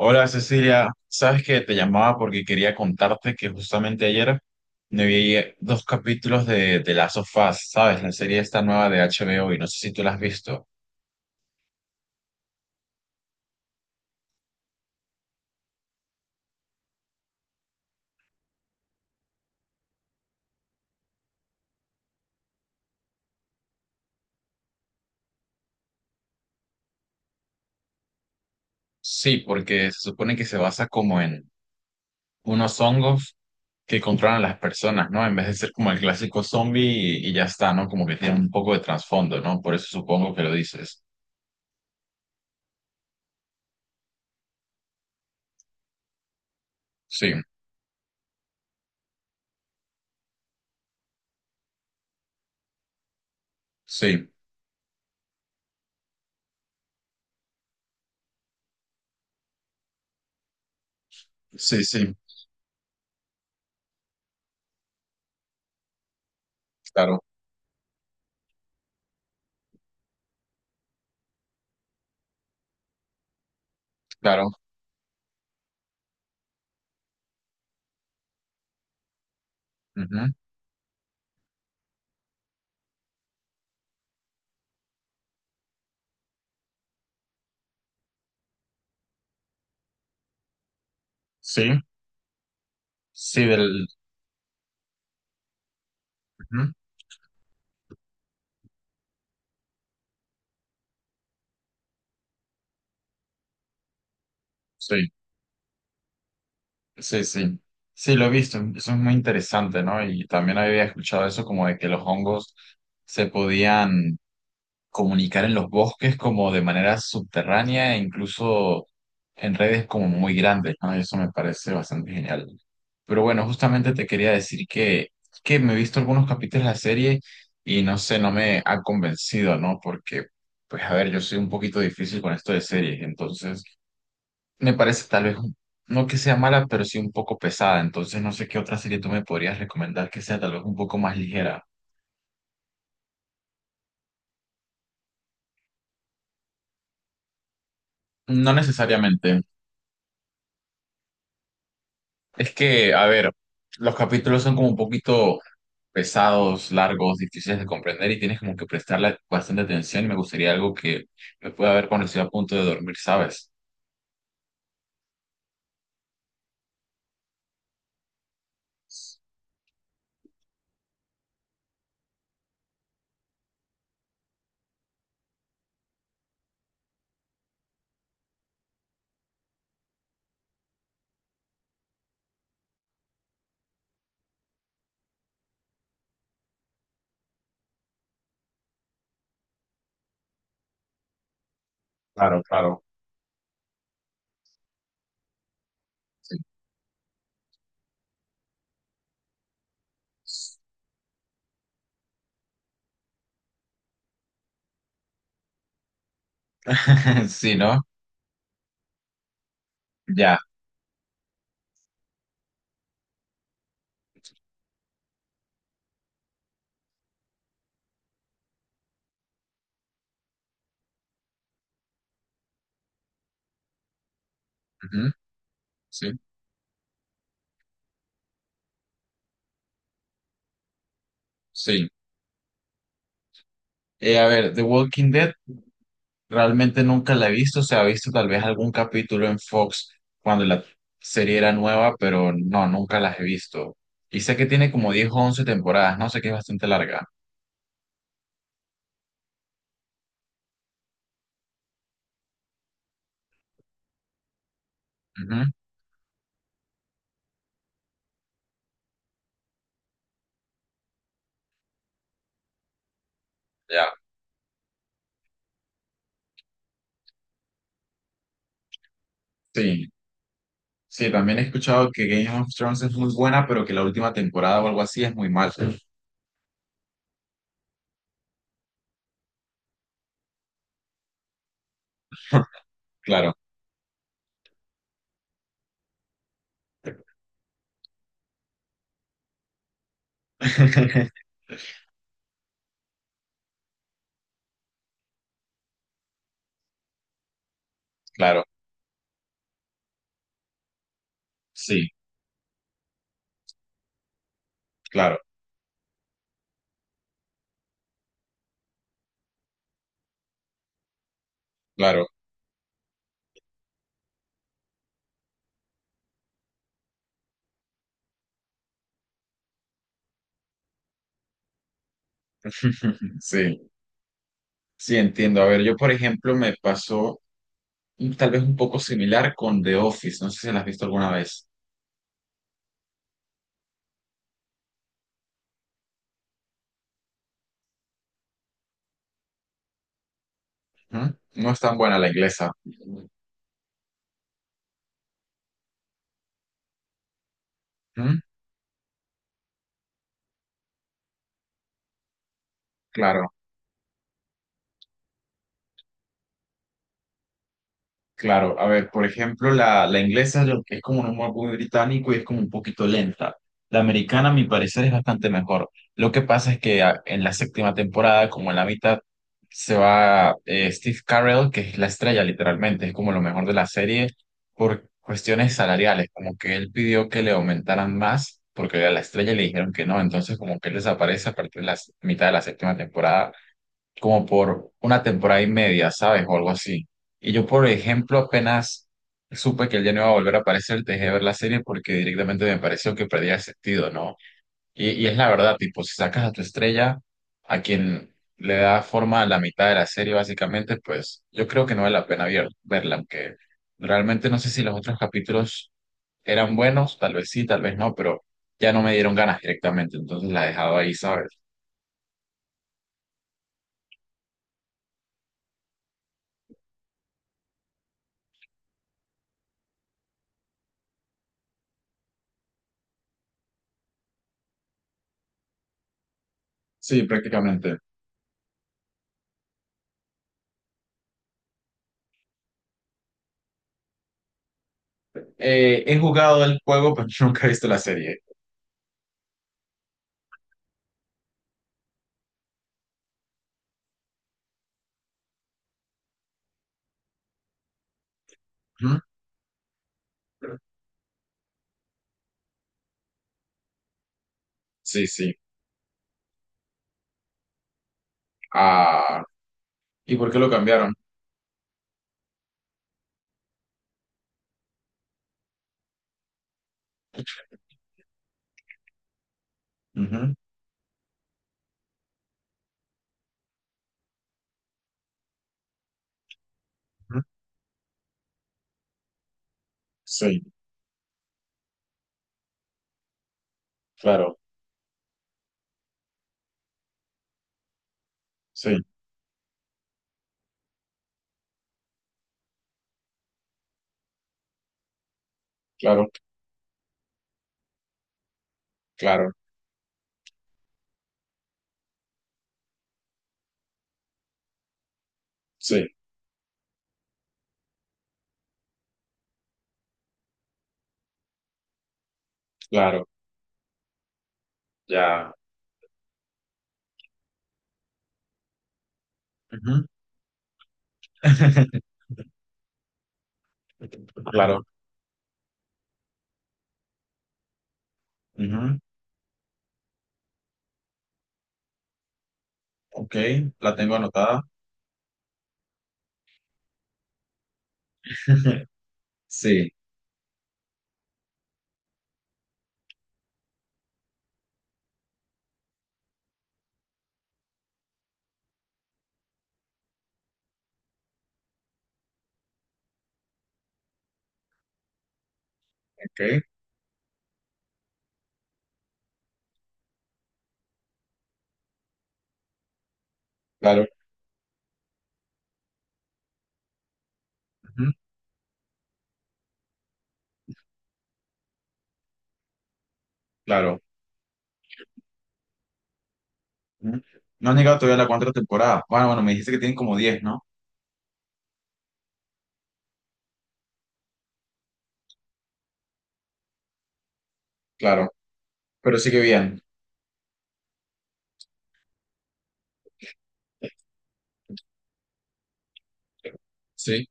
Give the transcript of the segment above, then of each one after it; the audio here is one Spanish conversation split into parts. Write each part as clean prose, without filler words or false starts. Hola Cecilia, sabes que te llamaba porque quería contarte que justamente ayer me vi dos capítulos de The Last of Us, ¿sabes? La serie esta nueva de HBO y no sé si tú la has visto. Sí, porque se supone que se basa como en unos hongos que controlan a las personas, ¿no? En vez de ser como el clásico zombie y ya está, ¿no? Como que tiene un poco de trasfondo, ¿no? Por eso supongo que lo dices. Sí, sí, sí, Claro, claro. Ujú. Sí, sí, del... Ujú, sí. Sí, sí. Sí, lo he visto. Eso es muy interesante, ¿no? Y también había escuchado eso como de que los hongos se podían comunicar en los bosques como de manera subterránea e incluso en redes como muy grandes, ¿no? Y eso me parece bastante genial. Pero bueno, justamente te quería decir que me he visto algunos capítulos de la serie y no sé, no me ha convencido, ¿no? Porque, pues a ver, yo soy un poquito difícil con esto de series, entonces... Me parece tal vez, un- no que sea mala, pero sí un poco pesada. Entonces no sé qué otra serie tú me podrías recomendar que sea tal vez un poco más ligera. No necesariamente. Es que, a ver, los capítulos son como un poquito pesados, largos, difíciles de comprender y tienes como que prestarle bastante atención y me gustaría algo que me pueda ver cuando estoy a punto de dormir, ¿sabes? Claro, claro. Sí, ¿no? Ya. Ujú. Sí, sí. A ver, The Walking Dead. Realmente nunca la he visto, se ha visto tal vez algún capítulo en Fox cuando la serie era nueva, pero no, nunca las he visto. Y sé que tiene como 10 o 11 temporadas, no sé, que es bastante larga. Ujú. Ya, sí. Sí, también he escuchado que Game of Thrones es muy buena, pero que la última temporada o algo así es muy mal. Claro. Claro, sí, claro, claro. Sí, sí, entiendo. A ver, yo por ejemplo me pasó un- tal vez un poco similar con The Office, no sé si la has visto alguna vez. ¿Mm? No es tan buena la inglesa. ¿Mm? Claro, claro. A ver, por ejemplo, la inglesa yo- que es como un humor muy británico y es como un poquito lenta. La americana, a mi parecer, es bastante mejor. Lo que pasa es que a- en la séptima temporada, como en la mitad, se va Steve Carell, que es la estrella literalmente, es como lo mejor de la serie, por cuestiones salariales, como que él pidió que le aumentaran más, porque era la estrella y le dijeron que no, entonces como que él desaparece a partir de la s- mitad de la séptima temporada como por una temporada y media, ¿sabes? O algo así. Y yo, por ejemplo, apenas supe que él ya no iba a volver a aparecer, dejé de ver la serie porque directamente me pareció que perdía el sentido, ¿no? Y es la verdad, tipo, si sacas a tu estrella, a quien le da forma a la mitad de la serie, básicamente, pues yo creo que no vale la pena ver- verla, aunque realmente no sé si los otros capítulos eran buenos, tal vez sí, tal vez no, pero ya no me dieron ganas directamente, entonces la he dejado ahí, ¿sabes? Sí, prácticamente. He jugado el juego, pero nunca he visto la serie. Ujú. Sí, sí. Ah, ¿y por qué lo cambiaron? Ujú, ujú. Sí, claro, sí, claro, claro, sí, claro, ya. Ujú. Claro. Ujú. Ok, la tengo anotada. Sí, ok, claro, ujú, claro. Ujú. No han llegado todavía a la cuarta temporada. Bueno, bueno, me dijiste que tienen como 10, ¿no? Claro, pero sigue bien. Sí.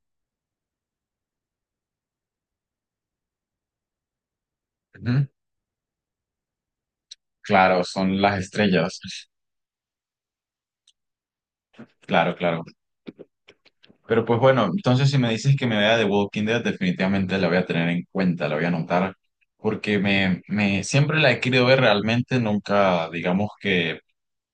Ujú. Claro, son las estrellas. Claro, claro. Pero pues bueno, entonces si me dices que me vea The Walking Dead, definitivamente la voy a tener en cuenta, la voy a anotar, porque me siempre la he querido ver realmente, nunca digamos que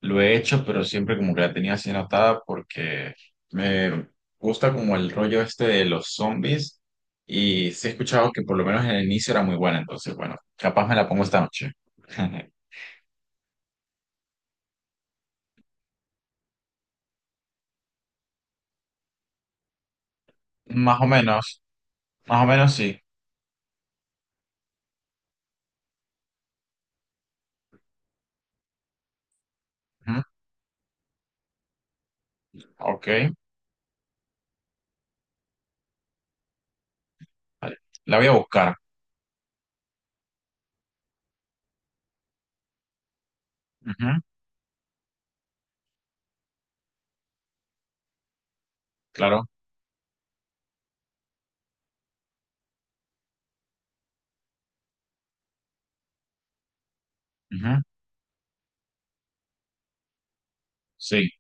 lo he hecho, pero siempre como que la tenía así anotada porque me gusta como el rollo este de los zombies y sí he escuchado que por lo menos en el inicio era muy buena, entonces bueno, capaz me la pongo esta noche. Más o menos, más o menos sí. Ujú. Ok, vale. La voy a buscar. Ujú. Claro. Ujú. Sí.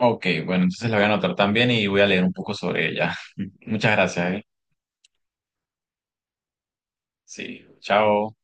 Ok, bueno, entonces la voy a anotar también y voy a leer un poco sobre ella. Muchas gracias, ¿eh? Sí, chao.